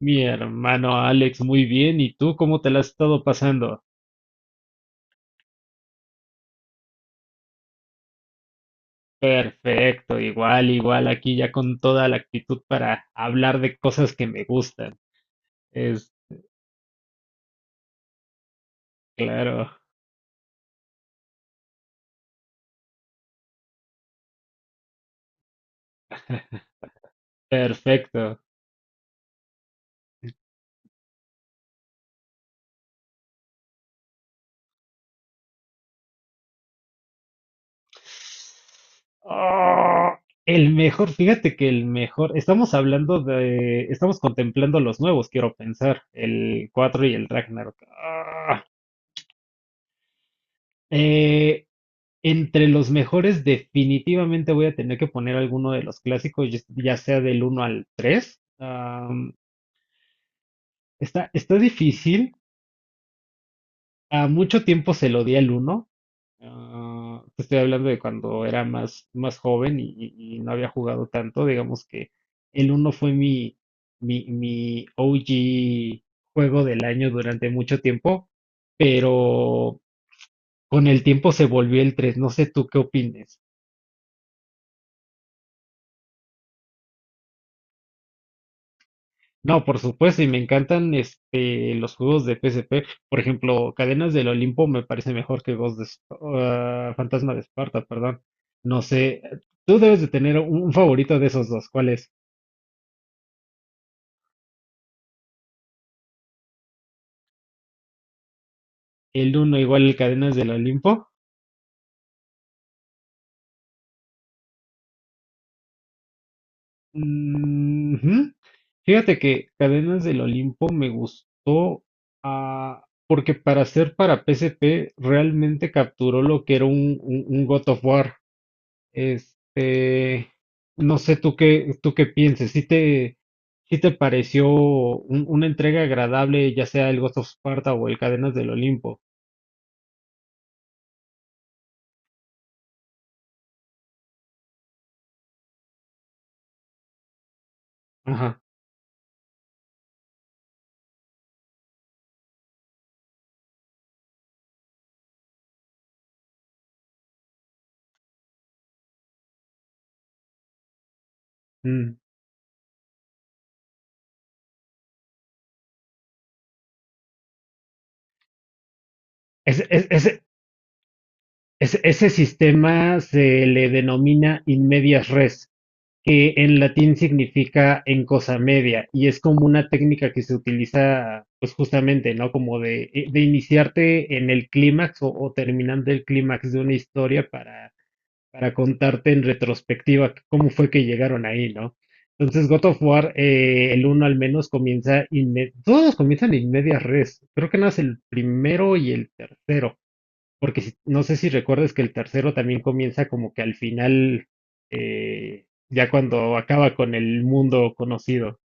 Mi hermano Alex, muy bien. ¿Y tú cómo te la has estado pasando? Perfecto, igual, igual, aquí ya con toda la actitud para hablar de cosas que me gustan. Es claro, perfecto. Oh, el mejor, fíjate que el mejor, estamos hablando de, estamos contemplando los nuevos, quiero pensar, el 4 y el Ragnarok. Eh, Entre los mejores, definitivamente voy a tener que poner alguno de los clásicos, ya sea del uno al tres. Está, está difícil. A mucho tiempo se lo di al uno. Ah, te estoy hablando de cuando era más, más joven y, y no había jugado tanto. Digamos que el uno fue mi, mi, mi OG juego del año durante mucho tiempo, pero con el tiempo se volvió el tres. No sé tú qué opines. No, por supuesto, y me encantan este los juegos de P S P. Por ejemplo, Cadenas del Olimpo me parece mejor que Ghost de Esp- ah, Fantasma de Esparta, perdón. No sé, tú debes de tener un favorito de esos dos. ¿Cuál es? ¿El uno igual el Cadenas del Olimpo? Mm, ujú. Fíjate que Cadenas del Olimpo me gustó, porque para ser para P S P realmente capturó lo que era un God of War. Este, no sé tú qué pienses, si te, si te pareció una entrega agradable, ya sea el Ghost of Sparta o el Cadenas del Olimpo. Ajá. mm. Ese, ese sistema se le denomina in medias res, que en latín significa en cosa media, y es como una técnica que se utiliza, pues justamente, ¿no? Como de iniciarte en el clímax o terminando el clímax de una historia para contarte en retrospectiva cómo fue que llegaron ahí, ¿no? Entonces, God of War, el uno al menos comienza, todos comienzan en media res. Creo que no es el primero y el tercero, porque no sé si recuerdas que el tercero también comienza como que al final, ya cuando acaba con el mundo conocido.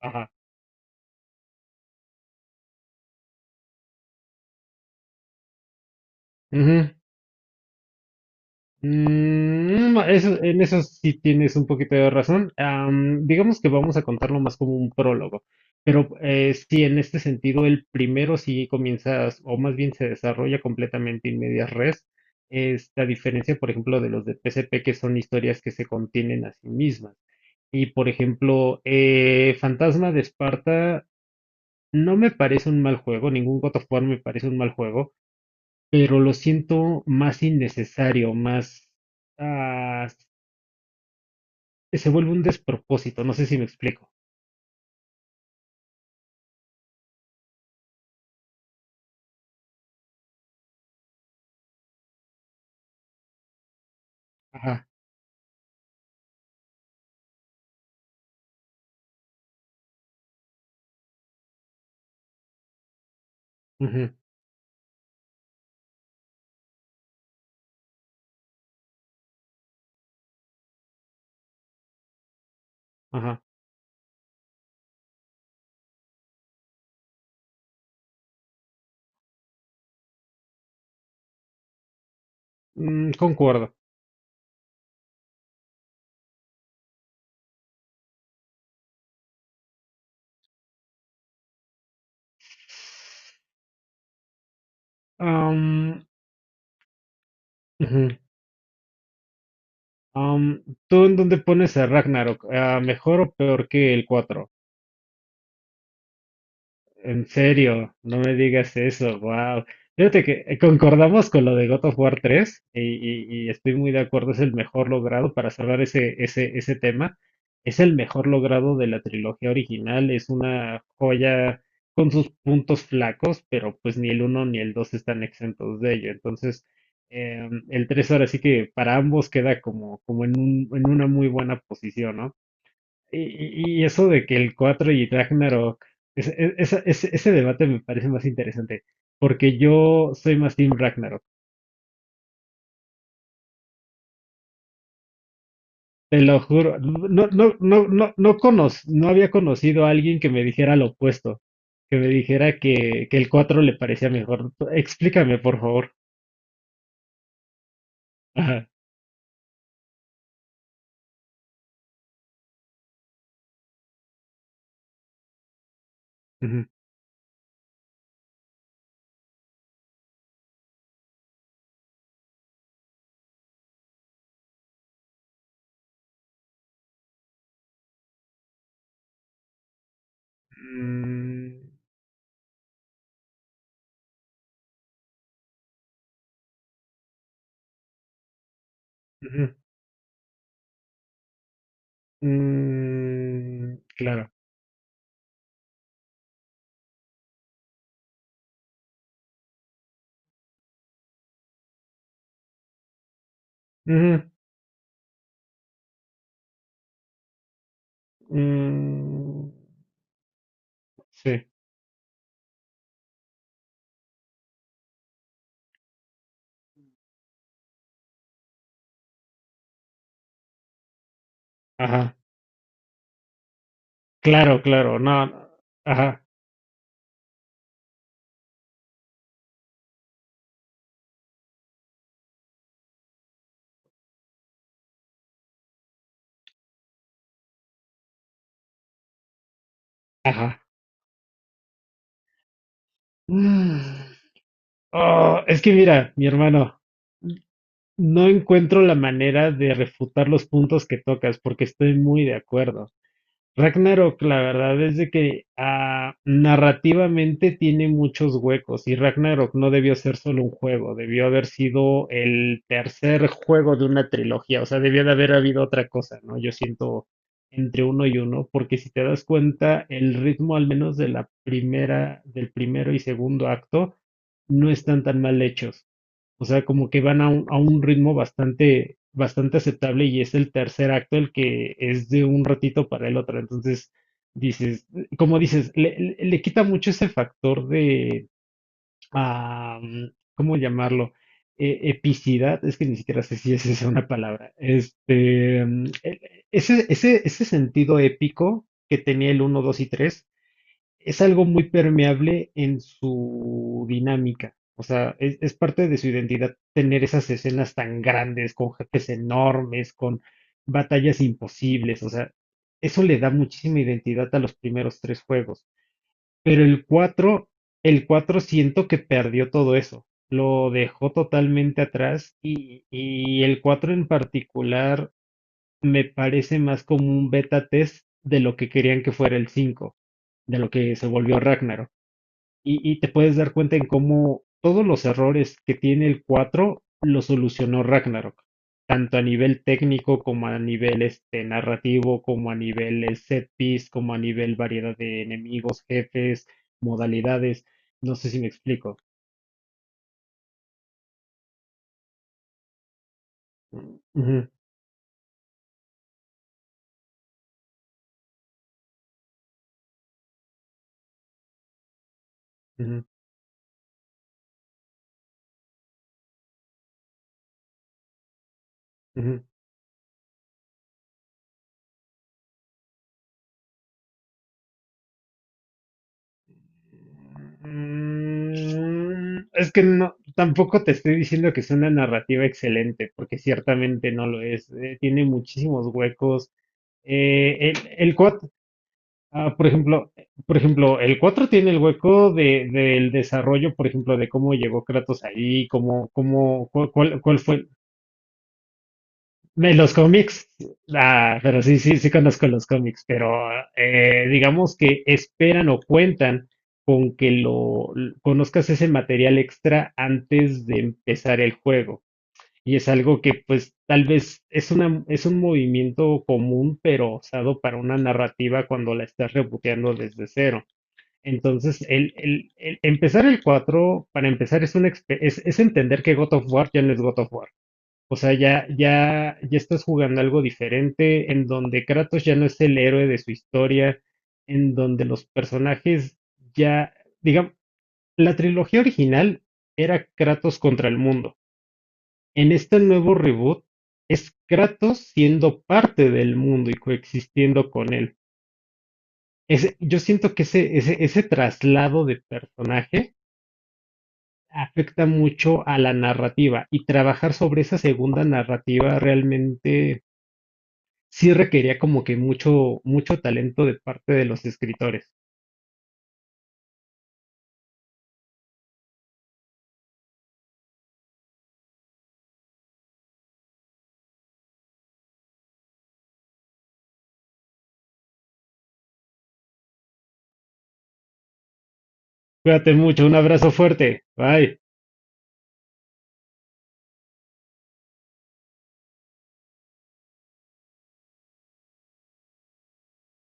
Ajá. Mm, no, en eso sí tienes un poquito de razón. Digamos que vamos a contarlo más como un prólogo, pero sí, en este sentido, el primero sí comienzas, o más bien se desarrolla completamente en medias res. Esta diferencia, por ejemplo, de los de PSP, que son historias que se contienen a sí mismas. Y, por ejemplo, Fantasma de Esparta no me parece un mal juego, ningún God of War me parece un mal juego, pero lo siento más innecesario, más ah, que se vuelve un despropósito, no sé si me explico. Ajá, ujú, ajá, mm, concuerdo. Am, ujú, am, ¿tú en dónde pones a Ragnarok? Ah, ¿mejor o peor que el cuatro? En serio, no me digas eso, wow. Fíjate que concordamos con lo de God of War 3 y, y estoy muy de acuerdo, es el mejor logrado para cerrar ese, ese, ese tema. Es el mejor logrado de la trilogía original, es una joya con sus puntos flacos, pero pues ni el uno ni el 2 están exentos de ello. Entonces, el 3 ahora sí que para ambos queda como, como en un, en una muy buena posición, ¿no? Y, y eso de que el 4 y Ragnarok, ese, esa, ese debate me parece más interesante, porque yo soy más Team Ragnarok, te lo juro, no, no, no, no, no, no había conocido a alguien que me dijera lo opuesto, que me dijera que el cuatro le parecía mejor. Explícame, por favor. Ajá. Ujú. Mm, ujú. Mm, claro. Ujú. Mm, sí. Ajá. Claro, claro. No. no. Ajá. Ajá. Ah, es que mira, mi hermano, no encuentro la manera de refutar los puntos que tocas porque estoy muy de acuerdo. Ragnarok, la verdad es de que narrativamente tiene muchos huecos y Ragnarok no debió ser solo un juego, debió haber sido el tercer juego de una trilogía, o sea, debió de haber habido otra cosa, ¿no? Yo siento entre uno y uno, porque si te das cuenta, el ritmo al menos de la primera, del primero y segundo acto, no están tan mal hechos. O sea, como que van a un ritmo bastante, bastante aceptable y es el tercer acto el que es de un ratito para el otro. Entonces, dices, como dices, le, le quita mucho ese factor de, ah, mm, ¿cómo llamarlo? Epicidad, es que ni siquiera sé si esa es una palabra. Ese, ese, ese sentido épico que tenía el uno, 2 y 3 es algo muy permeable en su dinámica. O sea, es parte de su identidad tener esas escenas tan grandes, con jefes enormes, con batallas imposibles. O sea, eso le da muchísima identidad a los primeros tres juegos. Pero el 4 siento que perdió todo eso. Lo dejó totalmente atrás y el 4 en particular me parece más como un beta test de lo que querían que fuera el 5, de lo que se volvió Ragnarok y te puedes dar cuenta en cómo todos los errores que tiene el 4 los solucionó Ragnarok, tanto a nivel técnico como a nivel este, narrativo, como a nivel set piece, como a nivel variedad de enemigos, jefes, modalidades. No sé si me explico. Ujú, ujú, ujú. Mm, es que no, tampoco te estoy diciendo que es una narrativa excelente, porque ciertamente no lo es. Tiene muchísimos huecos. Eh, el Ah, por ejemplo, el 4 tiene el hueco de, del desarrollo, por ejemplo, de cómo llegó Kratos ahí, cómo, cómo, cuál, cuál, fue. En los cómics, ah, pero sí, sí, sí conozco los cómics, pero digamos que esperan o cuentan con que lo conozcas ese material extra antes de empezar el juego. Y es algo que, pues, tal vez es una, es un movimiento común, pero usado para una narrativa cuando la estás reboteando desde cero. Entonces, el, empezar el 4 para empezar, es, una, es entender que God of War ya no es God of War. O sea, ya, ya, ya estás jugando algo diferente, en donde Kratos ya no es el héroe de su historia, en donde los personajes ya, digamos, la trilogía original era Kratos contra el mundo. En este nuevo reboot es Kratos siendo parte del mundo y coexistiendo con él. Yo siento que ese traslado de personaje afecta mucho a la narrativa y trabajar sobre esa segunda narrativa realmente sí requería como que mucho, mucho talento de parte de los escritores. Cuídate mucho, un abrazo fuerte. Bye.